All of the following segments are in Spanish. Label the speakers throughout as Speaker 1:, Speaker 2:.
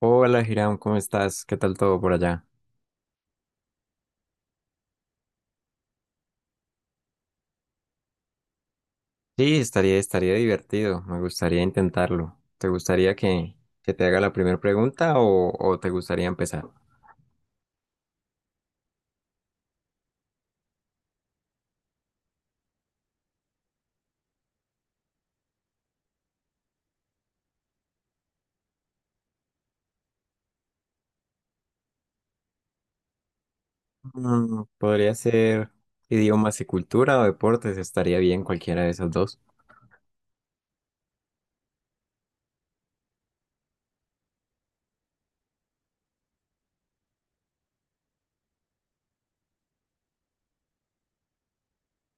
Speaker 1: Hola, Hiram, ¿cómo estás? ¿Qué tal todo por allá? Sí, estaría divertido. Me gustaría intentarlo. ¿Te gustaría que te haga la primera pregunta o te gustaría empezar? Podría ser idiomas y cultura o deportes. Estaría bien cualquiera de esos dos.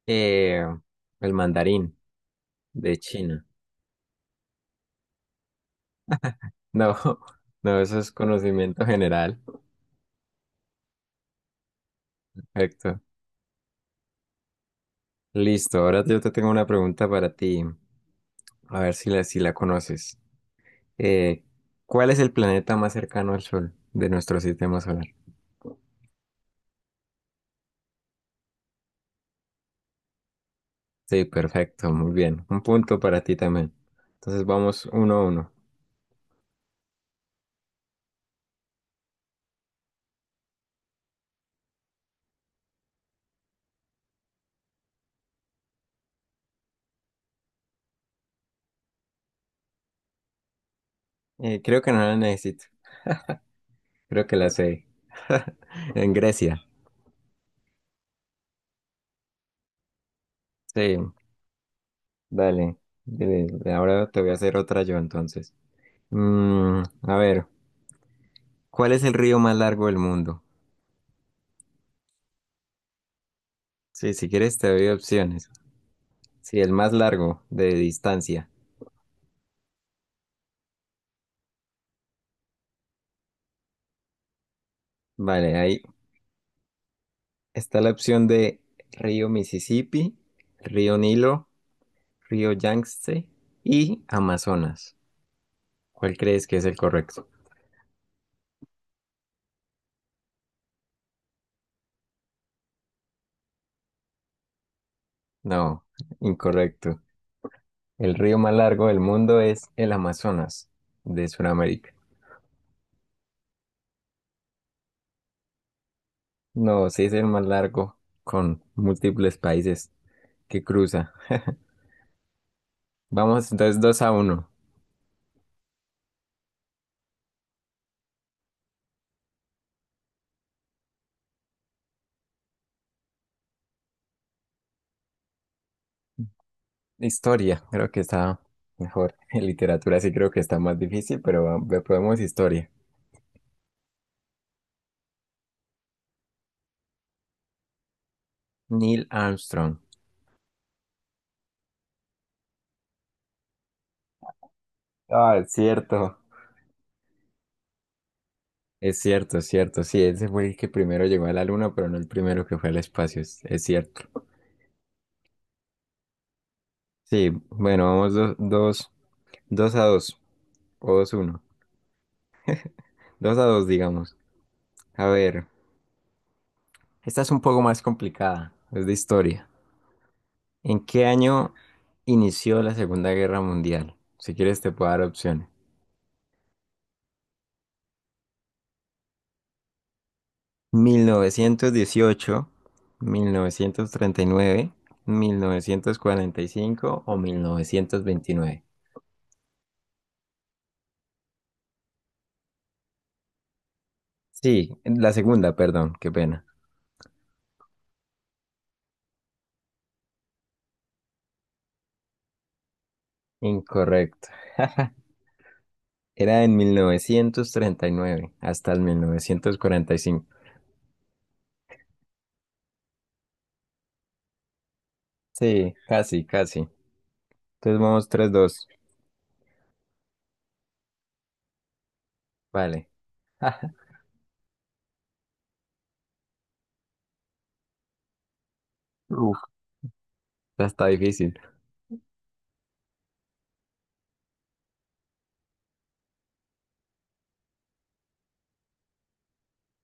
Speaker 1: Eh, el mandarín de China. No, no, eso es conocimiento general. Perfecto. Listo, ahora yo te tengo una pregunta para ti. A ver si si la conoces. Eh, ¿Cuál es el planeta más cercano al Sol de nuestro sistema solar? Sí, perfecto, muy bien. Un punto para ti también. Entonces vamos 1-1. Creo que no la necesito. Creo que la sé. En Grecia. Sí, dale. Eh, Ahora te voy a hacer otra yo entonces. A ver, ¿cuál es el río más largo del mundo? Sí, si quieres te doy opciones. Sí, el más largo de distancia. Vale, hay está la opción de río Mississippi, río Nilo, río Yangtze y Amazonas. ¿Cuál crees que es el correcto? No, incorrecto. El río más largo del mundo es el Amazonas de Sudamérica. No, sí es el más largo con múltiples países que cruza. Vamos entonces 2-1. Historia, creo que está mejor. En literatura sí creo que está más difícil, pero probemos historia. Neil Armstrong. Ah, es cierto. Es cierto, es cierto. Sí, ese fue el que primero llegó a la luna, pero no el primero que fue al espacio. Es cierto. Sí, bueno, vamos 2-2. O 2-1. Dos a dos, digamos. A ver, esta es un poco más complicada. Es de historia. ¿En qué año inició la Segunda Guerra Mundial? Si quieres te puedo dar opciones. 1918, 1939, 1945 o 1929. Sí, la segunda, perdón, qué pena. Incorrecto. Era en 1939 hasta el 1945. Sí, casi, casi. Entonces vamos 3-2. Vale. Uf, esta está difícil.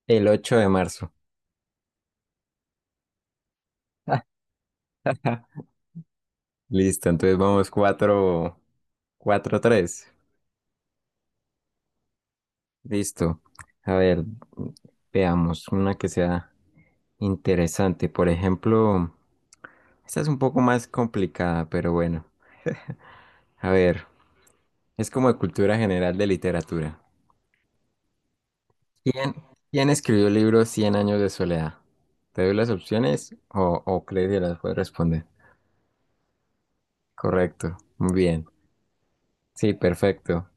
Speaker 1: El 8 de marzo. Listo, entonces vamos cuatro tres. Listo. A ver, veamos una que sea interesante. Por ejemplo, esta es un poco más complicada, pero bueno. A ver, es como de cultura general de literatura. ¿Quién, quién escribió el libro Cien años de soledad? ¿Te doy las opciones o crees que las puedes responder? Correcto, muy bien. Sí, perfecto,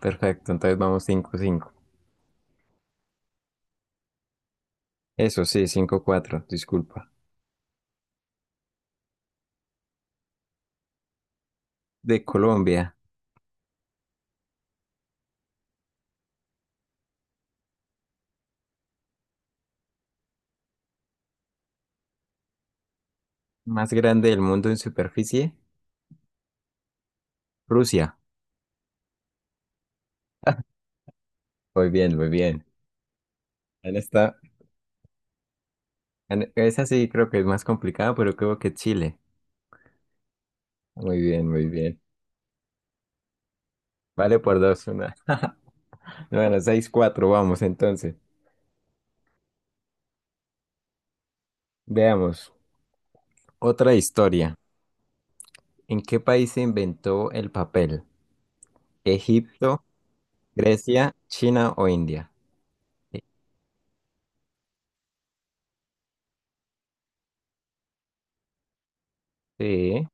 Speaker 1: perfecto. Entonces vamos 5-5. Eso sí, 5-4. Disculpa. De Colombia, más grande del mundo en superficie, Rusia. Muy bien, muy bien. Han estado- Esa sí creo que es más complicada, pero creo que Chile. Muy bien, muy bien. Vale por dos, una. Bueno, 6-4 vamos entonces. Veamos, otra historia. ¿En qué país se inventó el papel? ¿Egipto, Grecia, China o India? Eh, Sí,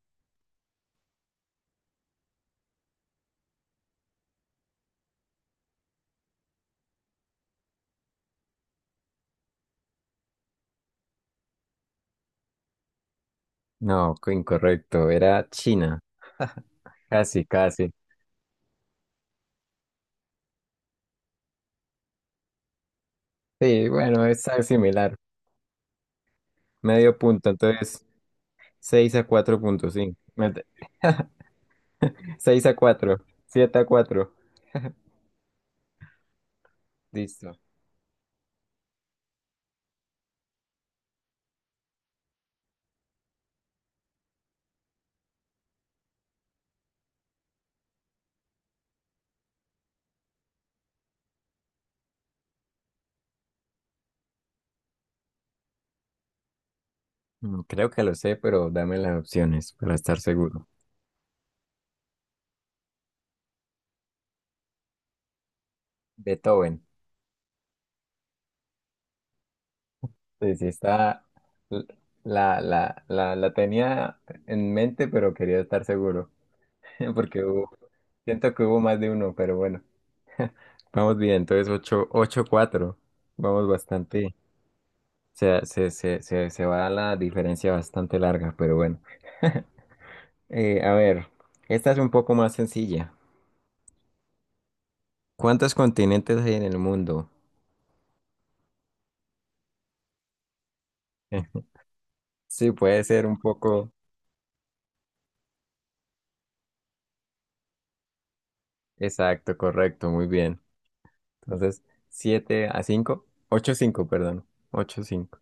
Speaker 1: no, incorrecto, era China. Casi, casi. Sí, bueno, es algo similar. Medio punto, entonces 6 a 4.5. 6-4, 7-4. Listo. Creo que lo sé, pero dame las opciones para estar seguro. Beethoven. Sí, sí, está. La tenía en mente, pero quería estar seguro. Porque siento que hubo más de uno, pero bueno. Vamos bien, entonces ocho cuatro. Vamos bastante. Se va la diferencia bastante larga, pero bueno. A ver, esta es un poco más sencilla. ¿Cuántos continentes hay en el mundo? Sí, puede ser un poco. Exacto, correcto, muy bien. Entonces, 7 a 5, 8 cinco, perdón. 8 cinco.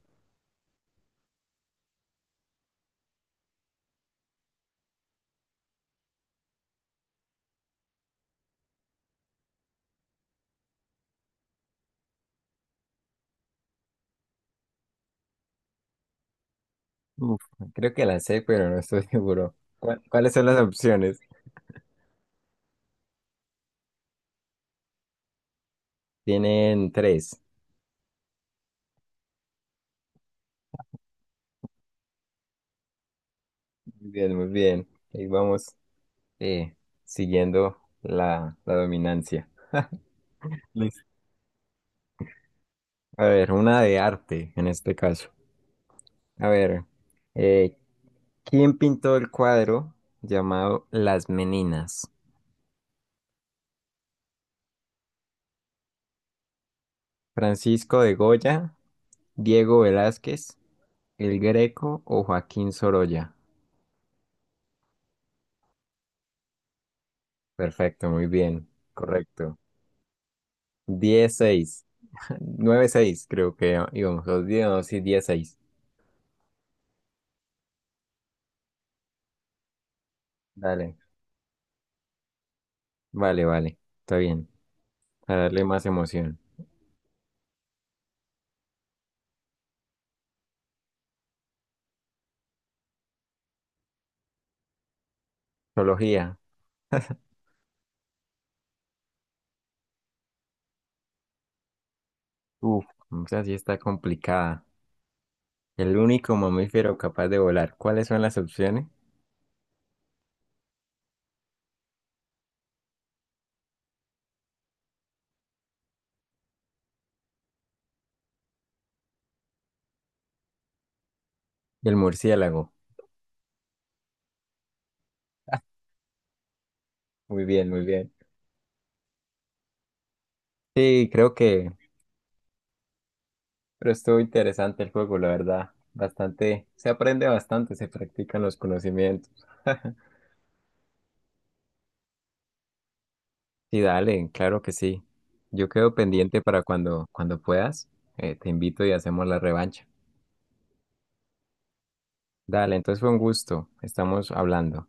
Speaker 1: Uf, creo que la sé, pero no estoy seguro. ¿Cuáles son las opciones? Tienen tres. Muy bien, muy bien. Ahí vamos, eh, siguiendo la dominancia. Listo. A ver, una de arte en este caso. A ver, eh, ¿quién pintó el cuadro llamado Las Meninas? ¿Francisco de Goya, Diego Velázquez, El Greco o Joaquín Sorolla? Perfecto, muy bien, correcto. 10-6, 9-6 creo que íbamos, los 10 no, sí, 10-6. Dale. Vale, vale, está bien. Para darle más emoción. Zoología. Uf, esa sí está complicada. El único mamífero capaz de volar. ¿Cuáles son las opciones? El murciélago. Muy bien, muy bien. Sí, creo que, pero estuvo interesante el juego, la verdad. Bastante, se aprende bastante, se practican los conocimientos. Sí, dale, claro que sí. Yo quedo pendiente para cuando puedas. Te invito y hacemos la revancha. Dale, entonces fue un gusto. Estamos hablando.